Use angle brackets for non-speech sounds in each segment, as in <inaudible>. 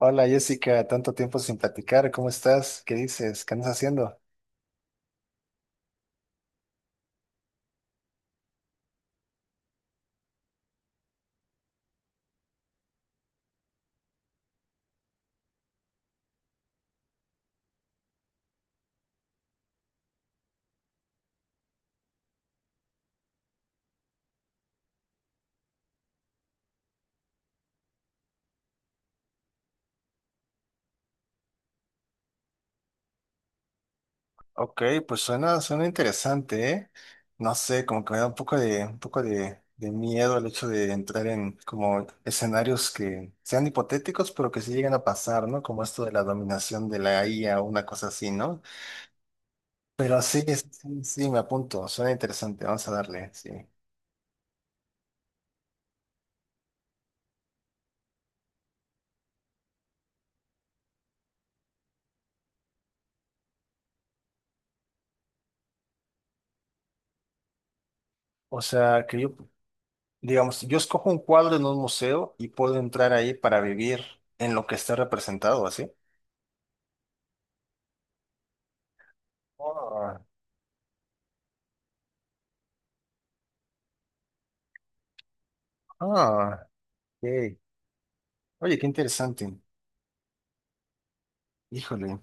Hola Jessica, tanto tiempo sin platicar, ¿cómo estás? ¿Qué dices? ¿Qué andas haciendo? Ok, pues suena interesante, ¿eh? No sé, como que me da un poco de miedo el hecho de entrar en como escenarios que sean hipotéticos, pero que sí lleguen a pasar, ¿no? Como esto de la dominación de la IA o una cosa así, ¿no? Pero sí, me apunto, suena interesante, vamos a darle, sí. O sea, que yo, digamos, yo escojo un cuadro en un museo y puedo entrar ahí para vivir en lo que está representado, ¿así? Ah, ah, ok. Oye, qué interesante. Híjole.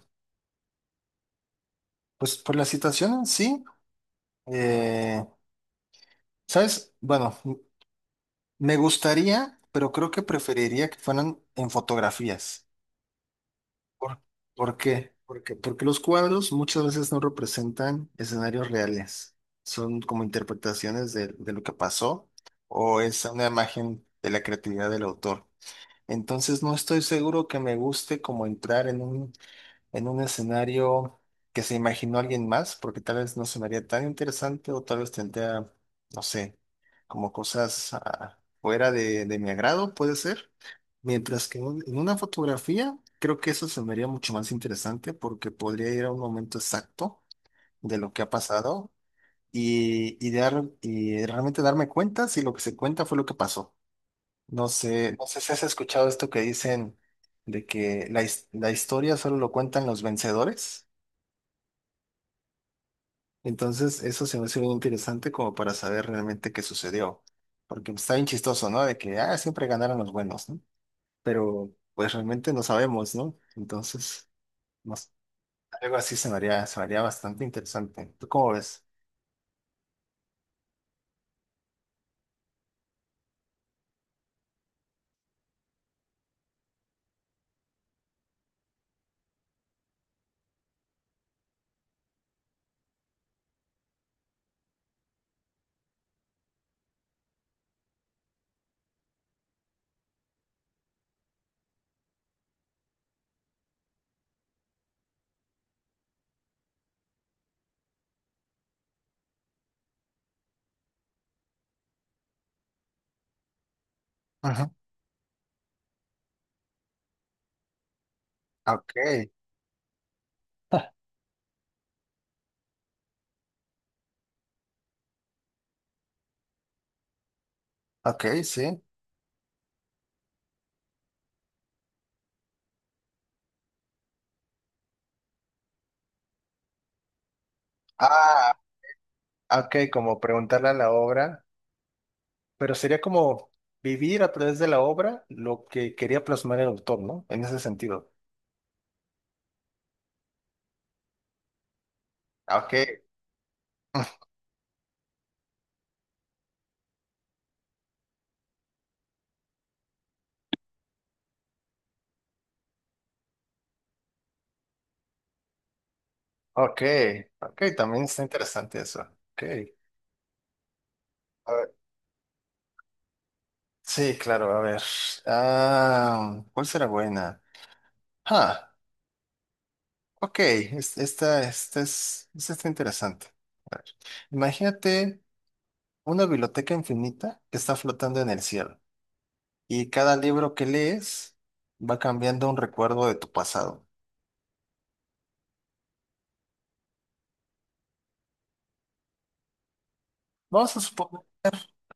Pues por la situación en sí, eh, ¿sabes? Bueno, me gustaría, pero creo que preferiría que fueran en fotografías. ¿Por, por qué? Porque, porque los cuadros muchas veces no representan escenarios reales. Son como interpretaciones de lo que pasó o es una imagen de la creatividad del autor. Entonces no estoy seguro que me guste como entrar en un escenario que se imaginó alguien más, porque tal vez no sonaría tan interesante o tal vez tendría, no sé, como cosas ah, fuera de mi agrado, puede ser. Mientras que en una fotografía, creo que eso se me haría mucho más interesante porque podría ir a un momento exacto de lo que ha pasado y realmente darme cuenta si lo que se cuenta fue lo que pasó. No sé, no sé si has escuchado esto que dicen de que la historia solo lo cuentan los vencedores. Entonces, eso se me hace bien interesante como para saber realmente qué sucedió. Porque está bien chistoso, ¿no? De que, ah, siempre ganaron los buenos, ¿no? Pero, pues realmente no sabemos, ¿no? Entonces, no sé, algo así se me haría bastante interesante. ¿Tú cómo ves? Ajá. Ok, ok, sí. Ah, ok, como preguntarle a la obra, pero sería como vivir a través de la obra lo que quería plasmar el autor, ¿no? En ese sentido. Ok. Ok, ok, también está interesante eso. Ok. A ver, sí, claro, a ver. Ah, ¿cuál será buena? Ah, ok, esta está interesante. Imagínate una biblioteca infinita que está flotando en el cielo y cada libro que lees va cambiando un recuerdo de tu pasado. Vamos a suponer,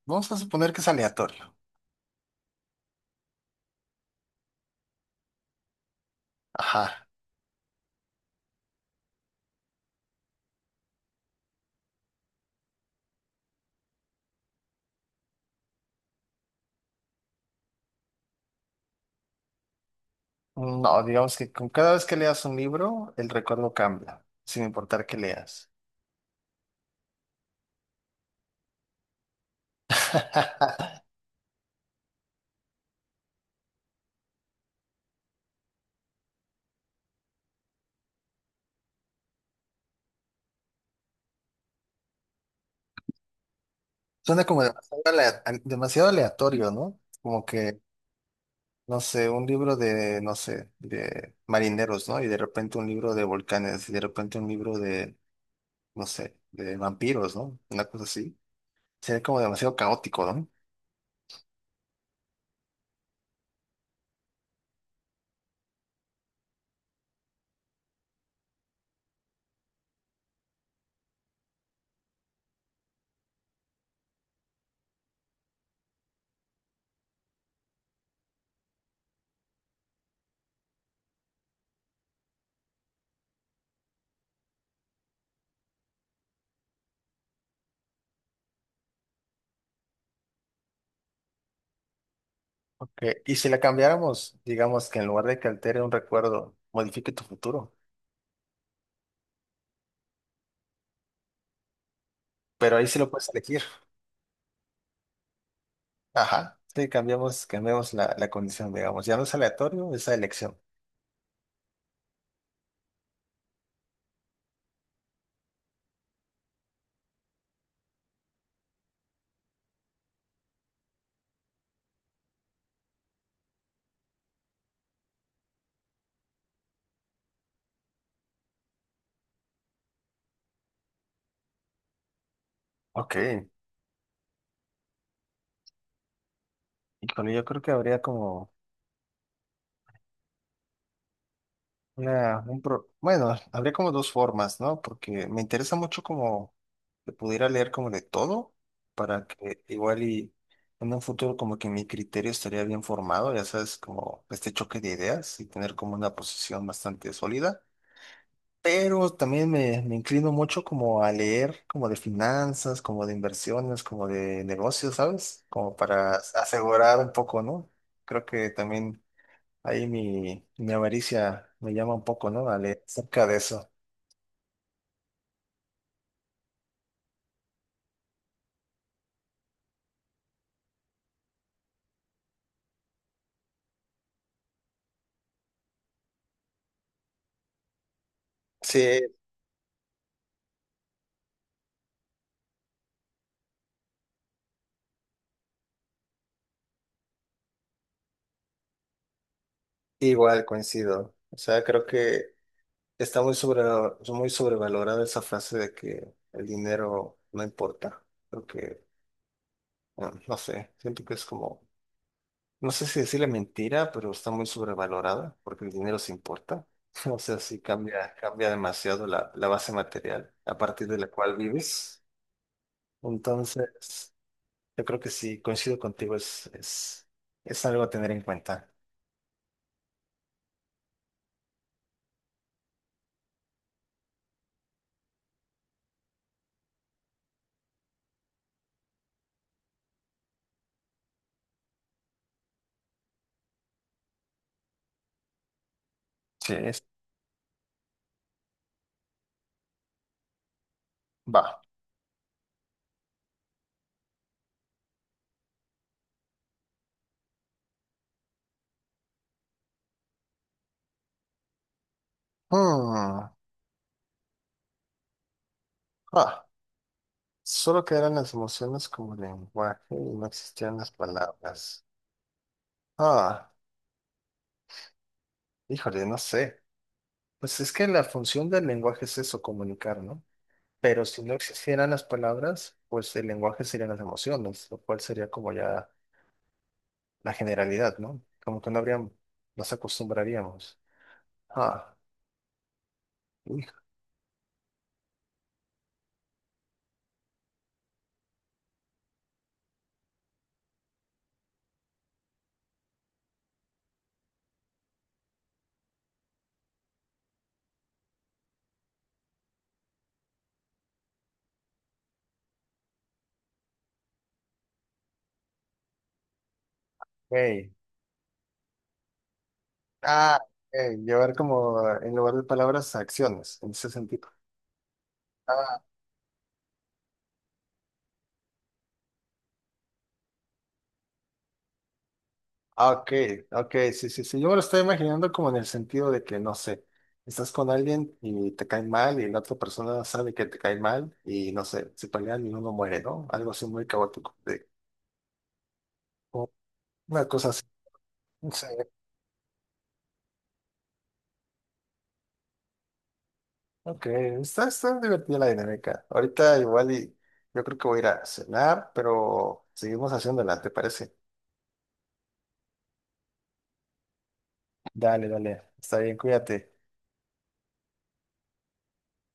vamos a suponer que es aleatorio. Ajá. No, digamos que con cada vez que leas un libro, el recuerdo cambia, sin importar qué leas. <laughs> Suena como demasiado, demasiado aleatorio, ¿no? Como que, no sé, un libro de, no sé, de marineros, ¿no? Y de repente un libro de volcanes, y de repente un libro de, no sé, de vampiros, ¿no? Una cosa así. Sería como demasiado caótico, ¿no? Ok, y si la cambiáramos, digamos que en lugar de que altere un recuerdo, modifique tu futuro, pero ahí sí lo puedes elegir. Ajá, sí, cambiamos la condición, digamos, ya no es aleatorio, es la elección. Ok, y con ello creo que habría como... Una, Bueno, habría como dos formas, ¿no? Porque me interesa mucho como que pudiera leer como de todo, para que igual y en un futuro como que mi criterio estaría bien formado, ya sabes, como este choque de ideas y tener como una posición bastante sólida. Pero también me inclino mucho como a leer como de finanzas, como de inversiones, como de negocios, ¿sabes? Como para asegurar un poco, ¿no? Creo que también ahí mi avaricia me llama un poco, ¿no? Dale, acerca de eso. Sí, igual coincido. O sea, creo que está muy sobre, muy sobrevalorada esa frase de que el dinero no importa. Creo que, bueno, no sé, siento que es como, no sé si decirle mentira, pero está muy sobrevalorada porque el dinero sí importa. <laughs> O sea, sí cambia, cambia demasiado la base material a partir de la cual vives. Entonces. Yo creo que sí, coincido contigo, es algo a tener en cuenta. Sí, es- va. Mm, ah, solo quedaron las emociones como lenguaje y no existían las palabras. Ah, híjole, no sé. Pues es que la función del lenguaje es eso, comunicar, ¿no? Pero si no existieran las palabras, pues el lenguaje serían las emociones, lo cual sería como ya la generalidad, ¿no? Como que no habríamos nos acostumbraríamos. Ah, híjole. Ah, ok, llevar como en lugar de palabras acciones, en ese sentido. Ah, ah, ok, ok, sí, sí, sí. Yo me lo estoy imaginando como en el sentido de que, no sé, estás con alguien y te cae mal y la otra persona sabe que te cae mal y, no sé, se pelean y uno muere, ¿no? Algo así muy caótico. De- o una cosa así. Sí, ok, está, está divertida la dinámica. Ahorita igual y yo creo que voy a ir a cenar, pero seguimos haciéndola, ¿te parece? Dale, dale, está bien, cuídate.